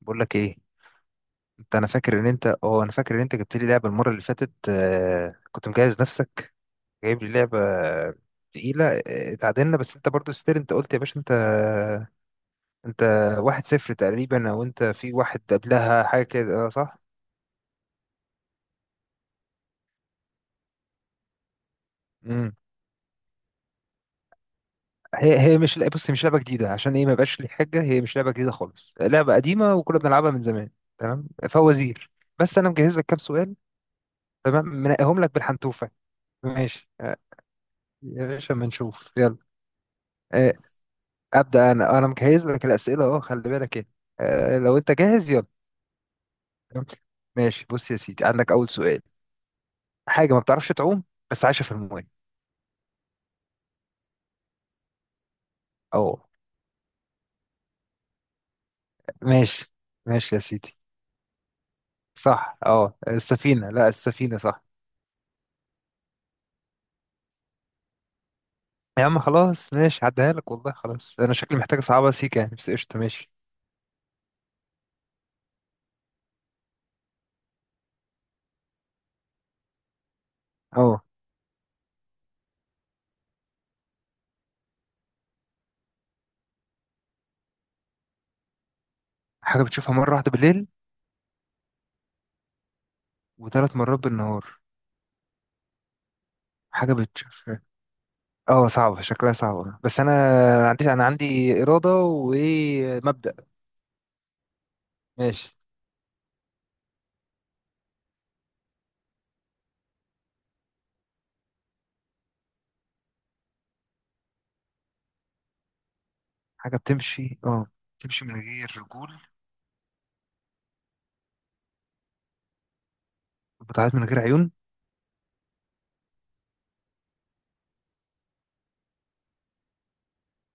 بقول لك ايه؟ انت، انا فاكر ان انت اه انا فاكر ان انت جبت لي لعبه المره اللي فاتت. كنت مجهز نفسك، جايب لي لعبه تقيله. اتعادلنا، بس انت برضو ستيل. انت قلت يا باشا، انت انت 1-0 تقريبا، او انت في واحد قبلها حاجه كده. صح. امم هي هي مش لع- بص هي مش لعبه جديده، عشان ايه؟ ما بقاش لي حاجه، هي مش لعبه جديده خالص، لعبه قديمه وكنا بنلعبها من زمان. تمام، فوازير. بس انا مجهز لك كام سؤال. تمام، منقيهم لك بالحنتوفه. ماشي. يا باشا ما نشوف يلا. آه، ابدا، انا مجهز لك الاسئله اهو، خلي بالك. ايه؟ لو انت جاهز يلا. ماشي، بص يا سيدي، عندك اول سؤال. حاجه ما بتعرفش تعوم بس عايشه في الماء. اه. ماشي، ماشي يا سيدي. صح، اه السفينه، لا السفينه صح. يا عم خلاص، ماشي عديها لك والله. خلاص، انا شكلي محتاج صعبه، سيكه يعني، بس قشطه ماشي. اه، حاجه بتشوفها مره واحده بالليل وثلاث مرات بالنهار. حاجه بتشوفها. اه صعبه، شكلها صعبه، بس انا عندي اراده ومبدأ. ماشي. حاجة بتمشي اه، بتمشي من غير رجول وبتعيط من غير عيون.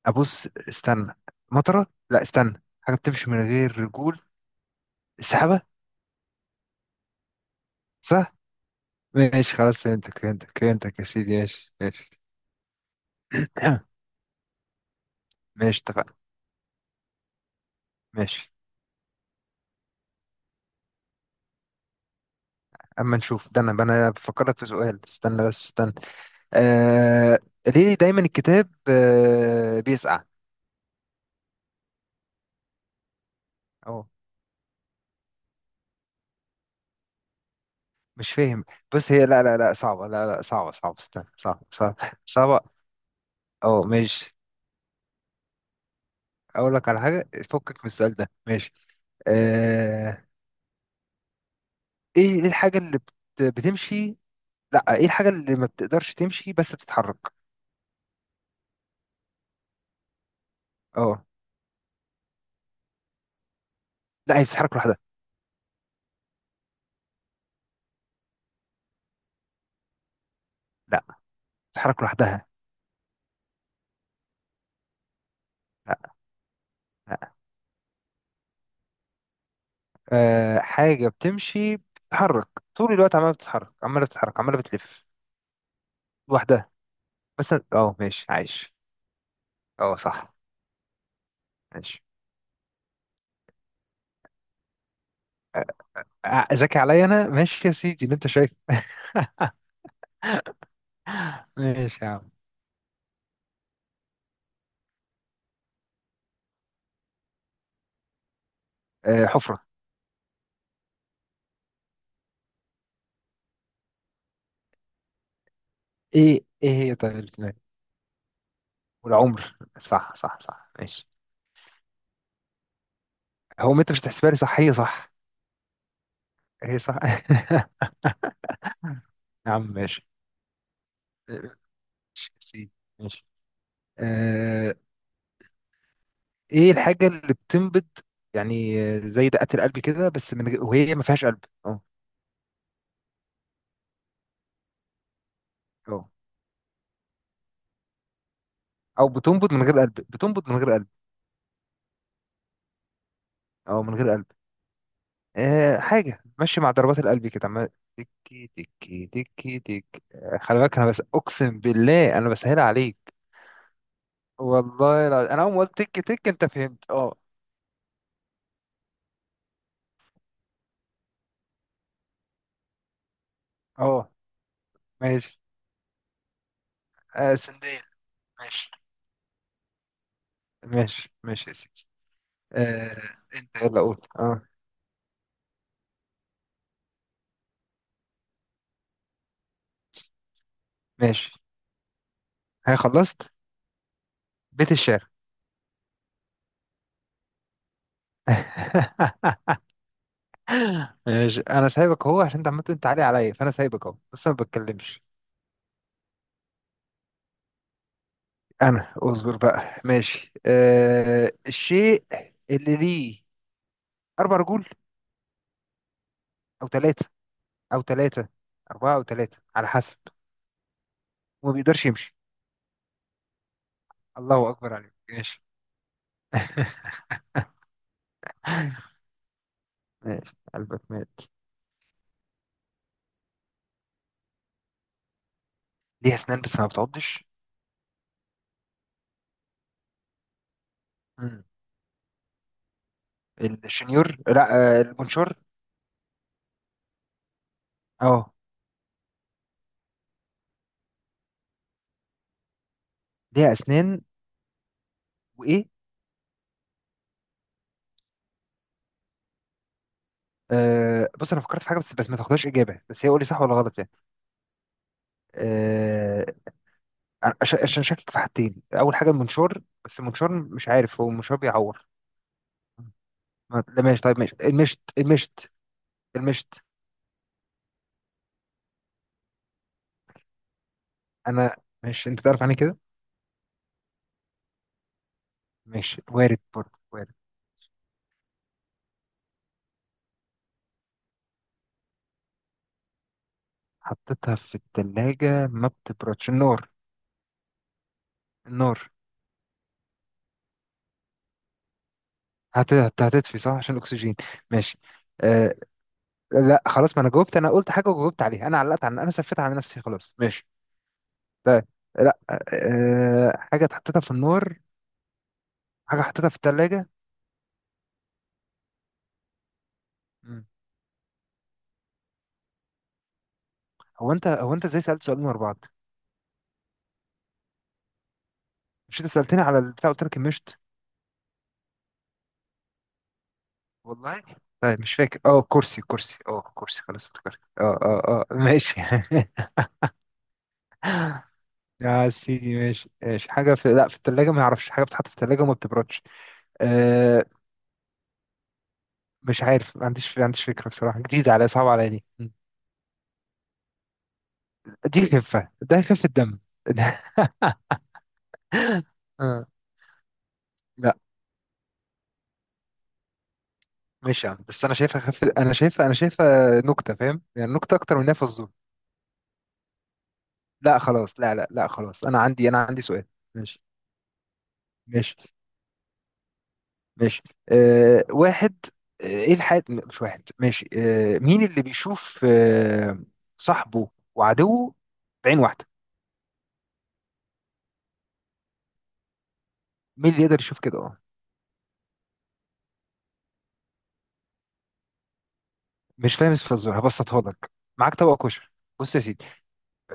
أبص استنى، مطرة، لا استنى، حاجة بتمشي من غير رجول، السحابة. صح، ماشي خلاص، فهمتك يا سيدي، ماشي ماشي. ماشي، اتفقنا. ماشي أما نشوف ده، أنا بفكرك في سؤال، استنى بس استنى. آه... ليه دايما الكتاب بيسقع؟ أهو. مش فاهم. بس هي، لا صعبة، صعبة استنى، صعبة. صعبة. أه ماشي. اقول لك على حاجه فكك من السؤال ده، ماشي. آه... ايه، إيه الحاجه اللي بت... بتمشي؟ لا، ايه الحاجه اللي ما بتقدرش تمشي بس بتتحرك؟ اه. لا هي بتتحرك لوحدها. لا بتتحرك لوحدها. لا لا. حاجه بتمشي، بتتحرك طول الوقت، عماله بتتحرك عماله بتلف لوحدها، بس اه ماشي عايش. اه صح. ماشي. ذكي عليا انا، ماشي يا سيدي اللي انت شايفه. ماشي يا عم. حفره. ايه، ايه هي طيب اللي في دماغك؟ والعمر، صح ماشي. هو ما انت مش هتحسبها لي صح؟ هي صح، هي صح. يا عم ماشي، ماشي يا سيدي، ماشي. آه. ايه الحاجة اللي بتنبض يعني، زي دقات القلب كده، بس من غير، وهي ما فيهاش قلب. اه اه. او بتنبض من غير قلب، بتنبض من غير قلب، او من غير قلب. آه، حاجة ماشي مع ضربات القلب كده، عمال تكي تكي تكي تك. خلي بالك، انا بس اقسم بالله انا بسهل عليك، والله العظيم. انا اول ما قلت تك تك انت فهمت. اه اه ماشي. آه سندال. ماشي ماشي، ماشي يا سيدي. آه، انت يلا قول اه. ماشي، هي خلصت، بيت الشعر. ماشي، انا سايبك اهو، عشان انت عمال تقول انت عالي عليا، فانا سايبك اهو بس انا ما بتكلمش. انا اصبر بقى، ماشي. آه، الشيء اللي ليه 4 رجول، او ثلاثه، او ثلاثه، اربعه او ثلاثه على حسب، وما بيقدرش يمشي. الله اكبر عليك، ماشي. ماشي، قلبك مات. ليها اسنان بس ما بتعضش. مم. الشنيور، لا، البنشور. اه، ليها اسنان؟ وايه؟ آه بص، انا فكرت في حاجه، بس بس ما تاخدهاش اجابه، بس هي قول لي صح ولا غلط يعني. آه، عشان شاكك في حاجتين. اول حاجه المنشار، بس المنشار مش عارف هو المنشار بيعور؟ لا ماشي، طيب ماشي المشت، المشت انا. ماشي، انت تعرف عني كده. ماشي، وارد برضه، وارد. حطيتها في الثلاجه ما بتبردش، النار. النار هتطفي، صح، عشان الاكسجين. ماشي. آه، لا خلاص، ما انا جاوبت، انا قلت حاجه وجاوبت عليها، انا علقت عن، انا سفيت على نفسي خلاص. ماشي. طيب، لا، أه حاجة اتحطتها في النار. حاجة حطيتها في التلاجة. مم. هو انت ازاي سألت سؤالين ورا بعض؟ مش انت سألتني على البتاع قلت لك المشط؟ والله. طيب مش فاكر، اه كرسي اه كرسي، خلاص افتكرت، اه ماشي. يا سيدي، ماشي، ماشي. حاجة في، لا في التلاجة ما يعرفش، حاجة بتتحط في التلاجة وما بتبردش. آه، مش عارف، ما عنديش فكرة بصراحة، جديدة عليا، صعبة عليا دي. دي خفة، ده خفة دم. آه. ماشي يا عم، بس انا شايفها نكته، فاهم يعني، نكته اكتر من إنها فزوره. لا خلاص، لا خلاص، انا عندي سؤال. ماشي، ماشي، ماشي. أه واحد. ايه الحياة؟ مش واحد، ماشي. أه مين اللي بيشوف صاحبه وعدوه بعين واحده؟ مين اللي يقدر يشوف كده؟ اه. مش فاهم الفزوره، هبسطها لك. معاك طبق كشري. بص يا سيدي،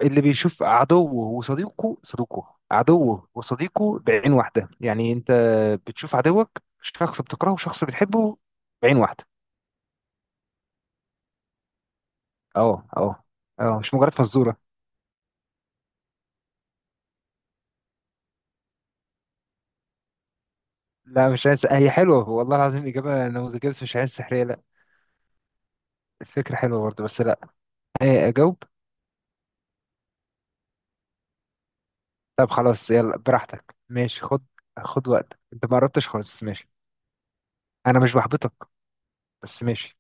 اللي بيشوف عدوه وصديقه، عدوه وصديقه بعين واحدة. يعني انت بتشوف عدوك، شخص بتكرهه وشخص بتحبه، بعين واحدة. اه اه اه مش مجرد فزورة. لا مش عايز، هي حلوة والله العظيم، إجابة نموذجية، بس مش عايز سحرية، لا. الفكرة حلوة برضه بس لا. ايه أجاوب؟ طب خلاص يلا براحتك، ماشي، خد، خد وقتك، انت ما قربتش خالص، ماشي. انا مش بحبطك. بس ماشي.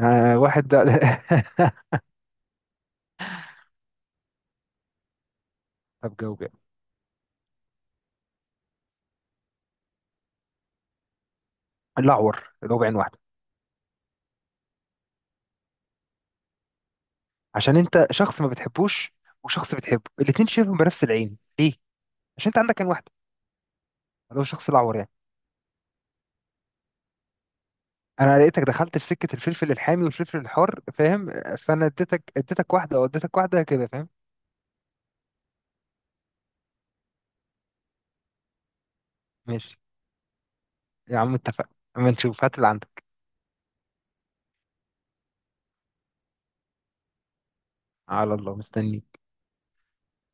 آه، واحد ده. طب جاوب يلا. الأعور، اللي هو بعين واحدة. عشان انت شخص ما بتحبوش وشخص بتحبه، الاتنين شايفهم بنفس العين، ليه؟ عشان انت عندك عين واحده، اللي هو الشخص الاعور يعني. انا لقيتك دخلت في سكه الفلفل الحامي والفلفل الحار، فاهم؟ فانا اديتك واحده كده، فاهم؟ ماشي يا عم، اتفقنا، اما نشوف، هات اللي عندك. على الله، مستني.